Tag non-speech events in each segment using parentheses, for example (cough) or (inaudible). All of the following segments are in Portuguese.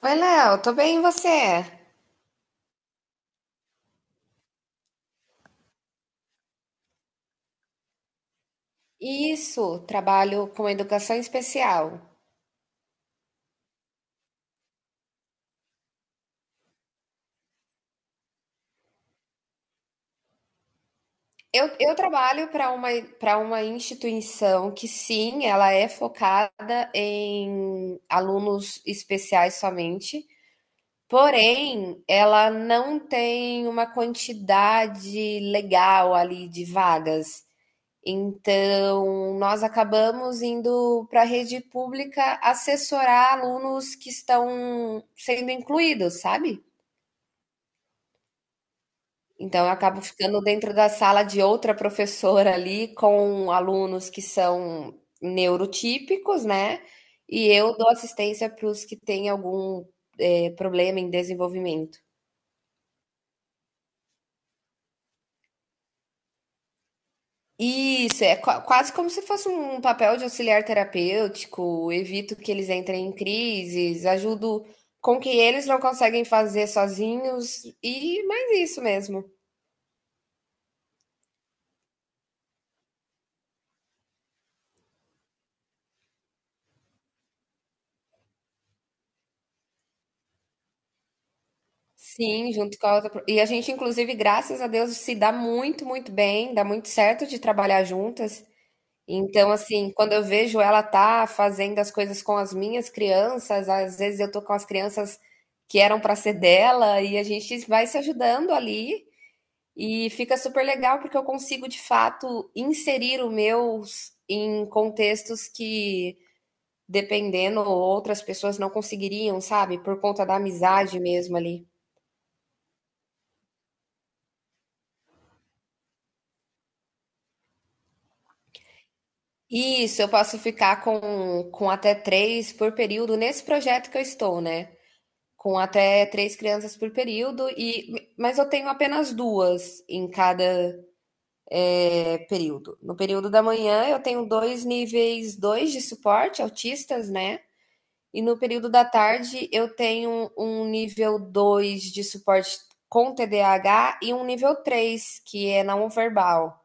Oi, Léo, tô bem, e você? Isso, trabalho com educação especial. Eu trabalho para uma instituição que, sim, ela é focada em alunos especiais somente, porém, ela não tem uma quantidade legal ali de vagas. Então, nós acabamos indo para a rede pública assessorar alunos que estão sendo incluídos, sabe? Então eu acabo ficando dentro da sala de outra professora ali com alunos que são neurotípicos, né, e eu dou assistência para os que têm algum, problema em desenvolvimento. Isso, é quase como se fosse um papel de auxiliar terapêutico, evito que eles entrem em crises, ajudo com o que eles não conseguem fazer sozinhos, e mais isso mesmo. Sim, junto com a outra. E a gente, inclusive, graças a Deus, se dá muito, muito bem, dá muito certo de trabalhar juntas. Então, assim, quando eu vejo ela tá fazendo as coisas com as minhas crianças, às vezes eu tô com as crianças que eram para ser dela, e a gente vai se ajudando ali, e fica super legal, porque eu consigo, de fato, inserir o meu em contextos que, dependendo, outras pessoas não conseguiriam, sabe? Por conta da amizade mesmo ali. Isso, eu posso ficar com até três por período nesse projeto que eu estou, né? Com até três crianças por período, e mas eu tenho apenas duas em cada período. No período da manhã, eu tenho dois níveis dois de suporte, autistas, né? E no período da tarde, eu tenho um nível 2 de suporte com TDAH e um nível 3 que é não verbal.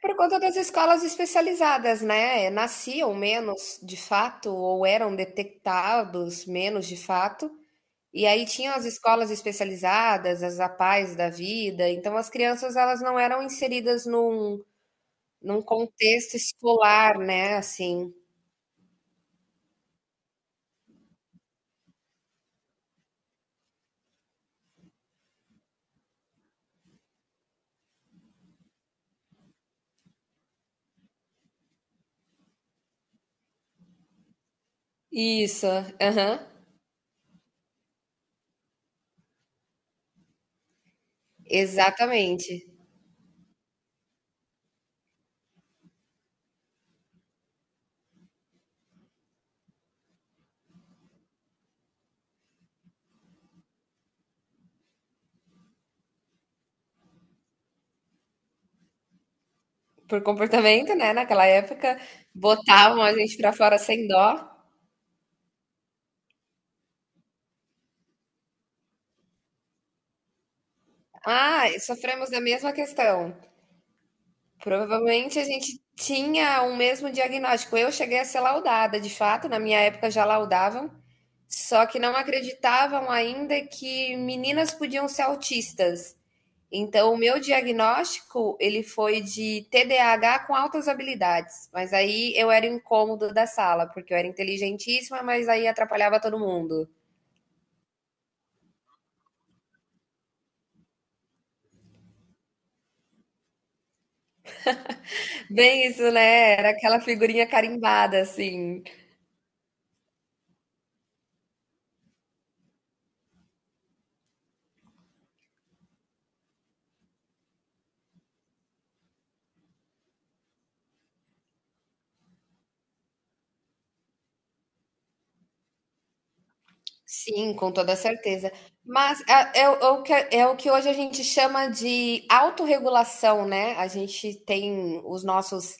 Por conta das escolas especializadas, né? Nasciam menos de fato, ou eram detectados menos de fato. E aí tinham as escolas especializadas, as APAES da vida. Então as crianças elas não eram inseridas num, num contexto escolar, né? Assim. Isso, aham. Exatamente. Por comportamento, né? Naquela época, botavam a gente pra fora sem dó. Ah, sofremos da mesma questão. Provavelmente a gente tinha o mesmo diagnóstico. Eu cheguei a ser laudada, de fato, na minha época já laudavam, só que não acreditavam ainda que meninas podiam ser autistas. Então, o meu diagnóstico, ele foi de TDAH com altas habilidades, mas aí eu era o incômodo da sala, porque eu era inteligentíssima, mas aí atrapalhava todo mundo. Bem isso, né? Era aquela figurinha carimbada, assim. Sim, com toda certeza. Mas é, é o que hoje a gente chama de autorregulação, né? A gente tem os nossos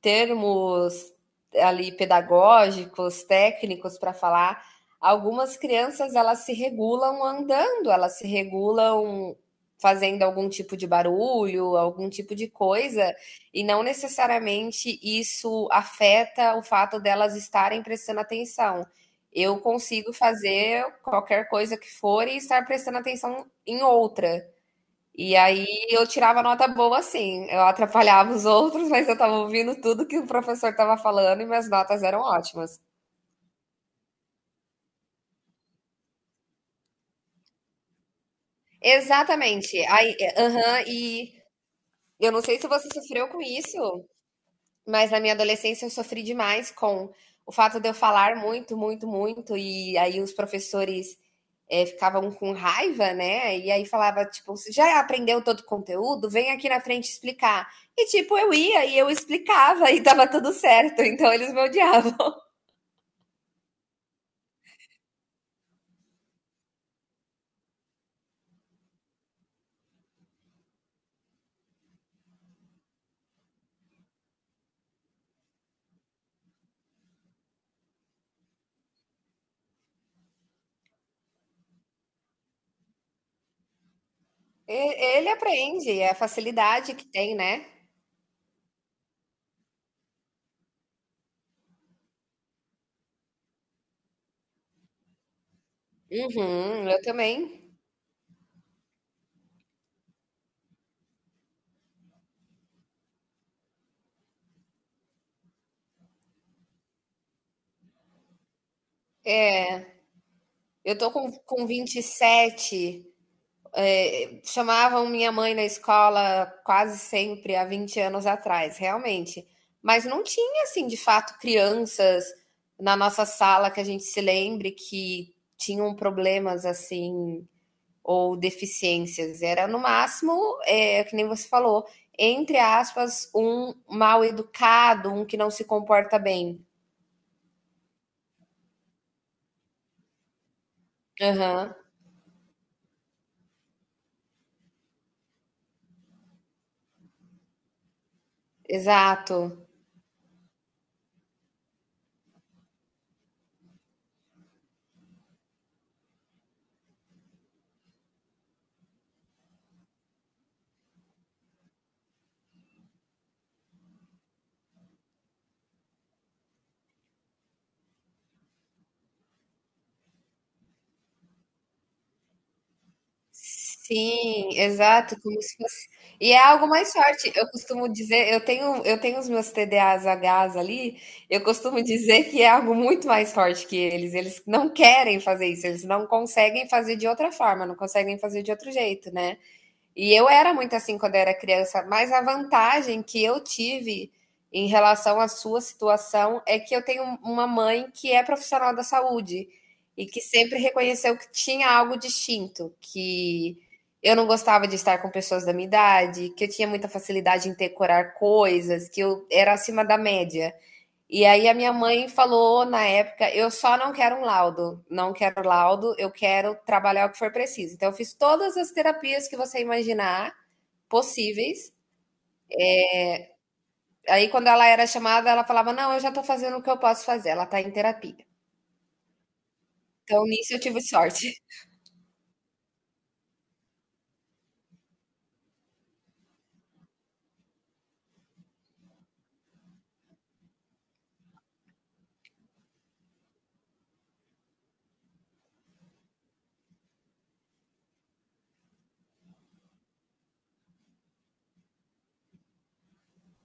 termos ali pedagógicos, técnicos para falar. Algumas crianças elas se regulam andando, elas se regulam fazendo algum tipo de barulho, algum tipo de coisa, e não necessariamente isso afeta o fato delas estarem prestando atenção. Eu consigo fazer qualquer coisa que for e estar prestando atenção em outra. E aí eu tirava nota boa assim, eu atrapalhava os outros, mas eu estava ouvindo tudo que o professor estava falando e minhas notas eram ótimas. Exatamente. E eu não sei se você sofreu com isso, mas na minha adolescência eu sofri demais com o fato de eu falar muito, muito, muito, e aí os professores ficavam com raiva, né? E aí falava, tipo, você já aprendeu todo o conteúdo? Vem aqui na frente explicar. E, tipo, eu ia e eu explicava (laughs) e tava tudo certo, então eles me odiavam. (laughs) Ele aprende, é a facilidade que tem, né? Uhum, eu também. Eu tô com 27. É, chamavam minha mãe na escola quase sempre há 20 anos atrás, realmente. Mas não tinha, assim, de fato, crianças na nossa sala que a gente se lembre que tinham problemas assim ou deficiências. Era no máximo, que nem você falou, entre aspas, um mal educado, um que não se comporta bem. Aham, exato. Sim, exato, como se fosse. E é algo mais forte. Eu costumo dizer, eu tenho os meus TDAHs ali, eu costumo dizer que é algo muito mais forte que eles. Eles não querem fazer isso, eles não conseguem fazer de outra forma, não conseguem fazer de outro jeito, né. E eu era muito assim quando era criança, mas a vantagem que eu tive em relação à sua situação é que eu tenho uma mãe que é profissional da saúde e que sempre reconheceu que tinha algo distinto, que eu não gostava de estar com pessoas da minha idade, que eu tinha muita facilidade em decorar coisas, que eu era acima da média. E aí a minha mãe falou na época, eu só não quero um laudo, não quero laudo, eu quero trabalhar o que for preciso. Então eu fiz todas as terapias que você imaginar possíveis. Aí quando ela era chamada, ela falava: "Não, eu já tô fazendo o que eu posso fazer, ela tá em terapia". Então nisso eu tive sorte.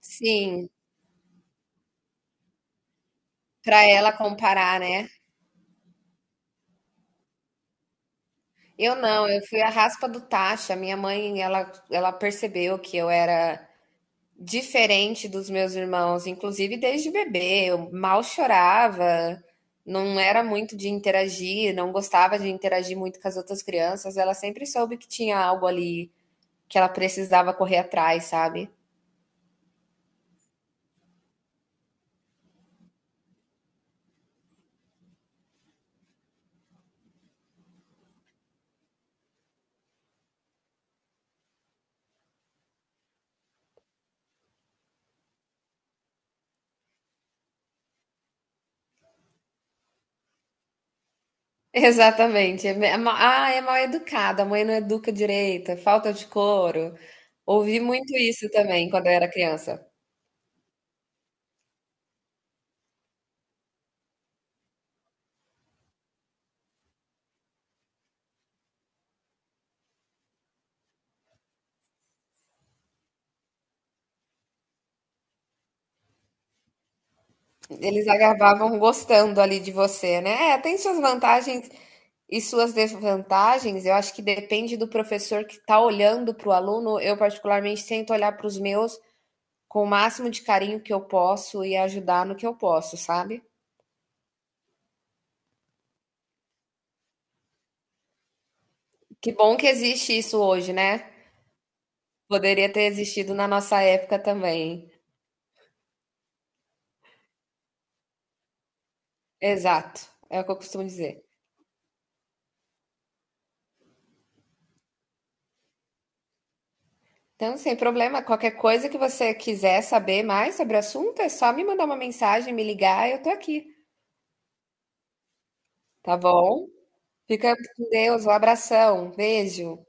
(laughs) Sim, pra ela comparar, né. Eu não, eu fui a raspa do tacho, a minha mãe ela percebeu que eu era diferente dos meus irmãos, inclusive desde bebê, eu mal chorava, não era muito de interagir, não gostava de interagir muito com as outras crianças, ela sempre soube que tinha algo ali que ela precisava correr atrás, sabe? (laughs) Exatamente. Ah, é mal educada, a mãe não educa direito, é falta de couro. Ouvi muito isso também quando eu era criança. Eles acabavam gostando ali de você, né? É, tem suas vantagens e suas desvantagens. Eu acho que depende do professor que está olhando para o aluno. Eu, particularmente, tento olhar para os meus com o máximo de carinho que eu posso e ajudar no que eu posso, sabe? Que bom que existe isso hoje, né? Poderia ter existido na nossa época também. Exato, é o que eu costumo dizer. Então, sem problema, qualquer coisa que você quiser saber mais sobre o assunto, é só me mandar uma mensagem, me ligar, eu tô aqui, tá bom? Fica com Deus, um abração, beijo.